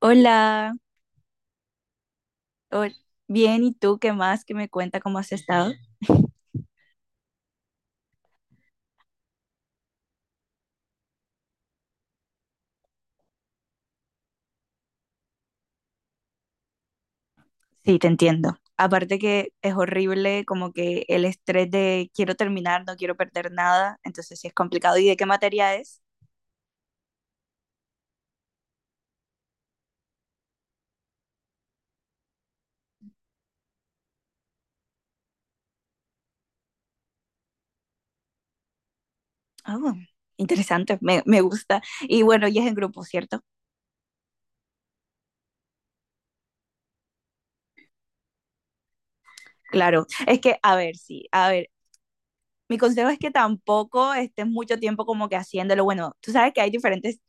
Hola, hol- bien, ¿y tú qué más? ¿Qué me cuenta cómo has estado? Sí, te entiendo. Aparte que es horrible como que el estrés de quiero terminar, no quiero perder nada, entonces sí es complicado. ¿Y de qué materia es? Oh, interesante, me gusta. Y bueno, y es en grupo, ¿cierto? Claro, es que, a ver, sí, a ver, mi consejo es que tampoco estés mucho tiempo como que haciéndolo. Bueno, tú sabes que hay diferentes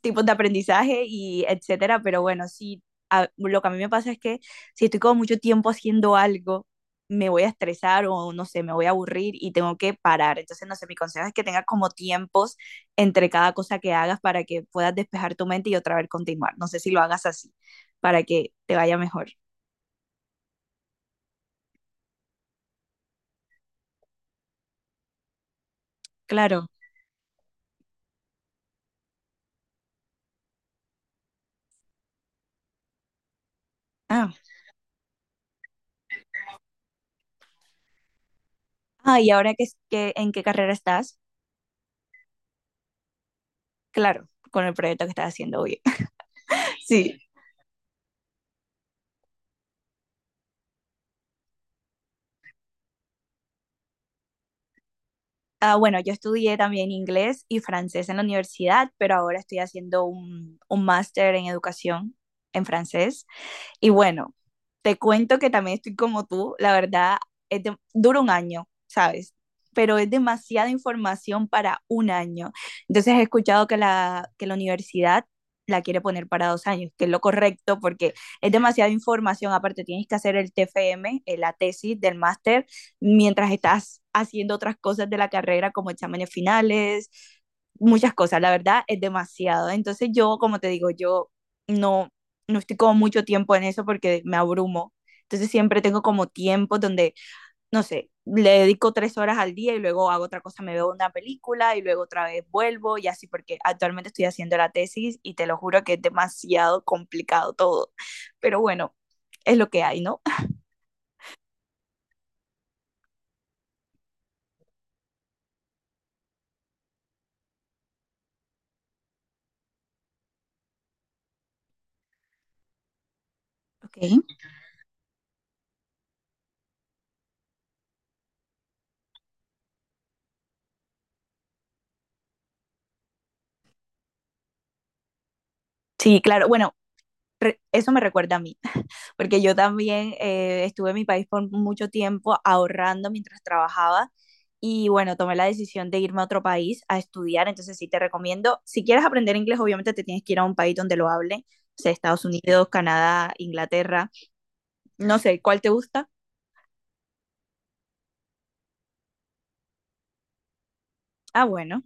tipos de aprendizaje y etcétera, pero bueno, sí, lo que a mí me pasa es que si estoy como mucho tiempo haciendo algo, me voy a estresar o no sé, me voy a aburrir y tengo que parar. Entonces, no sé, mi consejo es que tengas como tiempos entre cada cosa que hagas para que puedas despejar tu mente y otra vez continuar. No sé si lo hagas así, para que te vaya mejor. Claro. Ah, ah, y ahora que, que en qué carrera estás, claro, con el proyecto que estás haciendo hoy. Sí. Ah, bueno, yo estudié también inglés y francés en la universidad, pero ahora estoy haciendo un máster en educación en francés. Y bueno, te cuento que también estoy como tú, la verdad, es dura un año, ¿sabes? Pero es demasiada información para un año. Entonces he escuchado que que la universidad la quiere poner para 2 años, que es lo correcto porque es demasiada información. Aparte, tienes que hacer el TFM, la tesis del máster, mientras estás haciendo otras cosas de la carrera como exámenes finales, muchas cosas. La verdad, es demasiado. Entonces yo, como te digo, yo... No, no estoy como mucho tiempo en eso porque me abrumo. Entonces siempre tengo como tiempos donde, no sé, le dedico 3 horas al día y luego hago otra cosa, me veo una película y luego otra vez vuelvo y así porque actualmente estoy haciendo la tesis y te lo juro que es demasiado complicado todo. Pero bueno, es lo que hay, ¿no? Ok. Sí, claro. Bueno, eso me recuerda a mí, porque yo también estuve en mi país por mucho tiempo ahorrando mientras trabajaba y bueno, tomé la decisión de irme a otro país a estudiar, entonces sí te recomiendo, si quieres aprender inglés, obviamente te tienes que ir a un país donde lo hable, o sea, Estados Unidos, Canadá, Inglaterra, no sé, ¿cuál te gusta? Ah, bueno.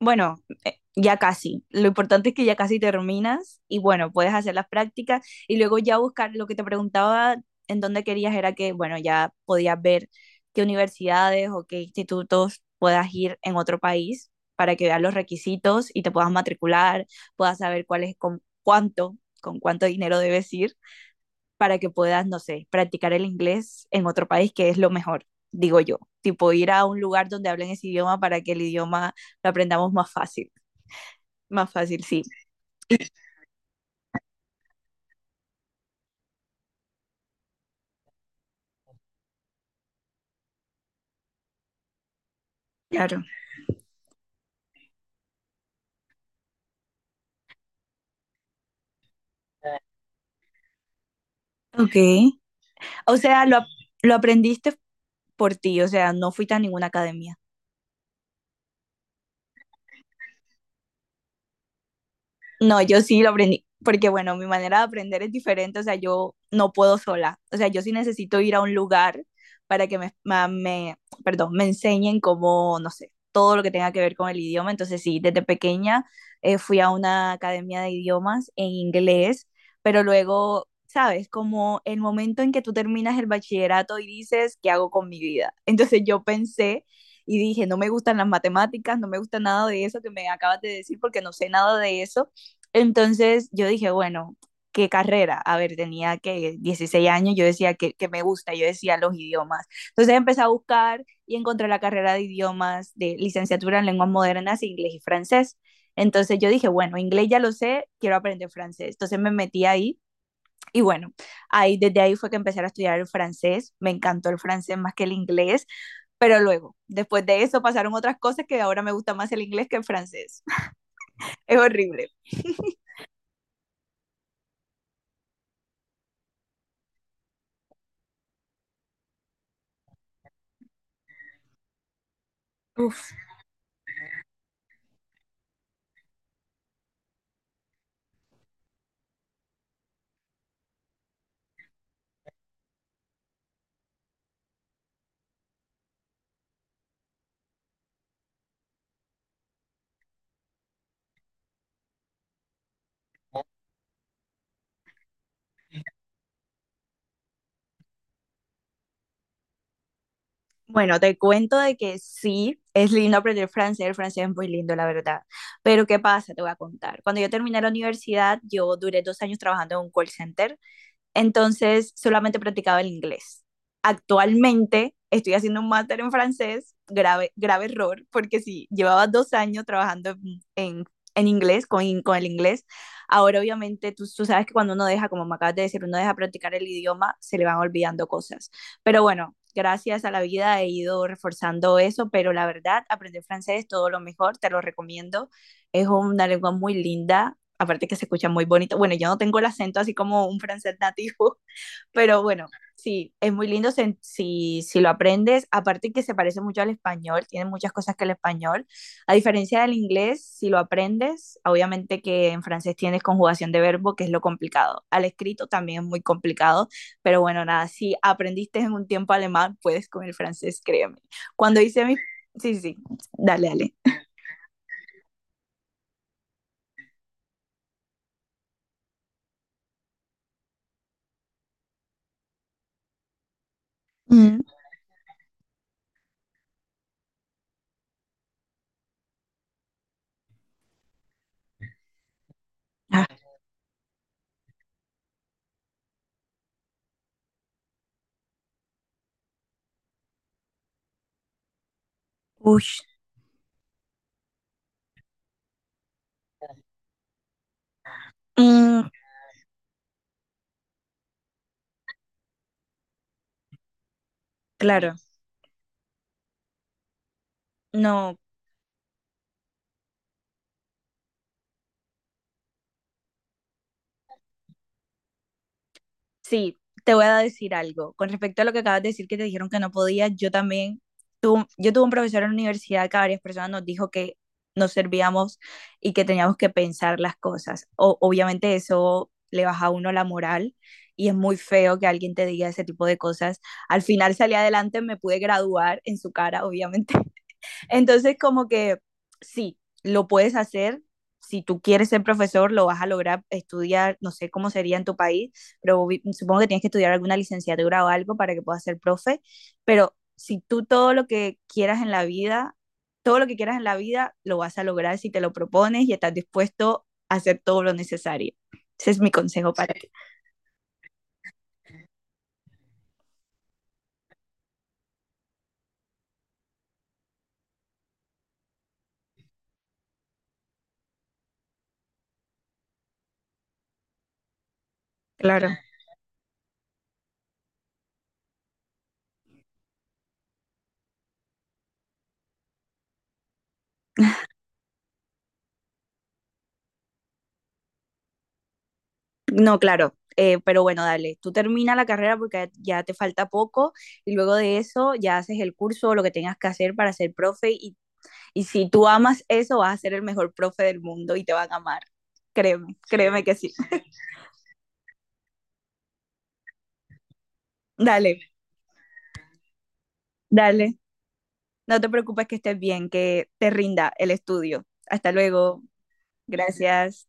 Bueno, ya casi. Lo importante es que ya casi terminas y bueno, puedes hacer las prácticas y luego ya buscar lo que te preguntaba en dónde querías era que, bueno, ya podías ver qué universidades o qué institutos puedas ir en otro país para que veas los requisitos y te puedas matricular, puedas saber cuál es con cuánto dinero debes ir para que puedas, no sé, practicar el inglés en otro país que es lo mejor, digo yo. Tipo ir a un lugar donde hablen ese idioma para que el idioma lo aprendamos más fácil. Más fácil, sí, claro. Ok. O sea, lo aprendiste por ti, o sea, no fuiste a ninguna academia. No, yo sí lo aprendí, porque bueno, mi manera de aprender es diferente, o sea, yo no puedo sola, o sea, yo sí necesito ir a un lugar para que perdón, me enseñen cómo, no sé, todo lo que tenga que ver con el idioma, entonces sí, desde pequeña fui a una academia de idiomas en inglés, pero luego, ¿sabes? Como el momento en que tú terminas el bachillerato y dices, ¿qué hago con mi vida? Entonces yo pensé y dije, no me gustan las matemáticas, no me gusta nada de eso que me acabas de decir porque no sé nada de eso entonces yo dije, bueno, ¿qué carrera? A ver, tenía que 16 años, yo decía me gusta, yo decía los idiomas. Entonces empecé a buscar y encontré la carrera de idiomas de licenciatura en lenguas modernas, inglés y francés. Entonces yo dije, bueno, inglés ya lo sé, quiero aprender francés. Entonces me metí ahí y bueno, ahí desde ahí fue que empecé a estudiar el francés. Me encantó el francés más que el inglés, pero luego, después de eso pasaron otras cosas que ahora me gusta más el inglés que el francés. Es horrible. Uf. Bueno, te cuento de que sí, es lindo aprender francés, el francés es muy lindo, la verdad. Pero ¿qué pasa? Te voy a contar. Cuando yo terminé la universidad, yo duré 2 años trabajando en un call center entonces, solamente practicaba el inglés. Actualmente estoy haciendo un máster en francés, grave, grave error, porque si sí, llevaba 2 años trabajando en, en inglés, con el inglés, ahora obviamente tú sabes que cuando uno deja, como me acabas de decir, uno deja practicar el idioma, se le van olvidando cosas. Pero bueno, gracias a la vida he ido reforzando eso, pero la verdad, aprender francés es todo lo mejor, te lo recomiendo. Es una lengua muy linda, aparte que se escucha muy bonito. Bueno, yo no tengo el acento así como un francés nativo, pero bueno, sí, es muy lindo si, si, si lo aprendes. Aparte que se parece mucho al español, tiene muchas cosas que el español. A diferencia del inglés, si lo aprendes, obviamente que en francés tienes conjugación de verbo, que es lo complicado. Al escrito también es muy complicado, pero bueno, nada, si aprendiste en un tiempo alemán, puedes con el francés, créeme. Cuando hice mi... Sí, sí, sí, dale, dale. Mm. Ah, uy. Mm, claro, no. Sí, te voy a decir algo. Con respecto a lo que acabas de decir, que te dijeron que no podías, yo también, yo tuve un profesor en la universidad que a varias personas nos dijo que nos servíamos y que teníamos que pensar las cosas. Obviamente eso le baja a uno la moral y es muy feo que alguien te diga ese tipo de cosas. Al final salí adelante, me pude graduar en su cara, obviamente. Entonces, como que sí, lo puedes hacer. Si tú quieres ser profesor, lo vas a lograr estudiar, no sé cómo sería en tu país, pero supongo que tienes que estudiar alguna licenciatura o algo para que puedas ser profe. Pero si tú todo lo que quieras en la vida, todo lo que quieras en la vida, lo vas a lograr si te lo propones y estás dispuesto a hacer todo lo necesario. Ese es mi consejo para ti. Claro. No, claro. Eh, pero bueno, dale, tú termina la carrera porque ya te falta poco y luego de eso ya haces el curso o lo que tengas que hacer para ser profe y si tú amas eso vas a ser el mejor profe del mundo y te van a amar. Créeme, créeme que sí. Dale, dale. No te preocupes que estés bien, que te rinda el estudio. Hasta luego. Gracias.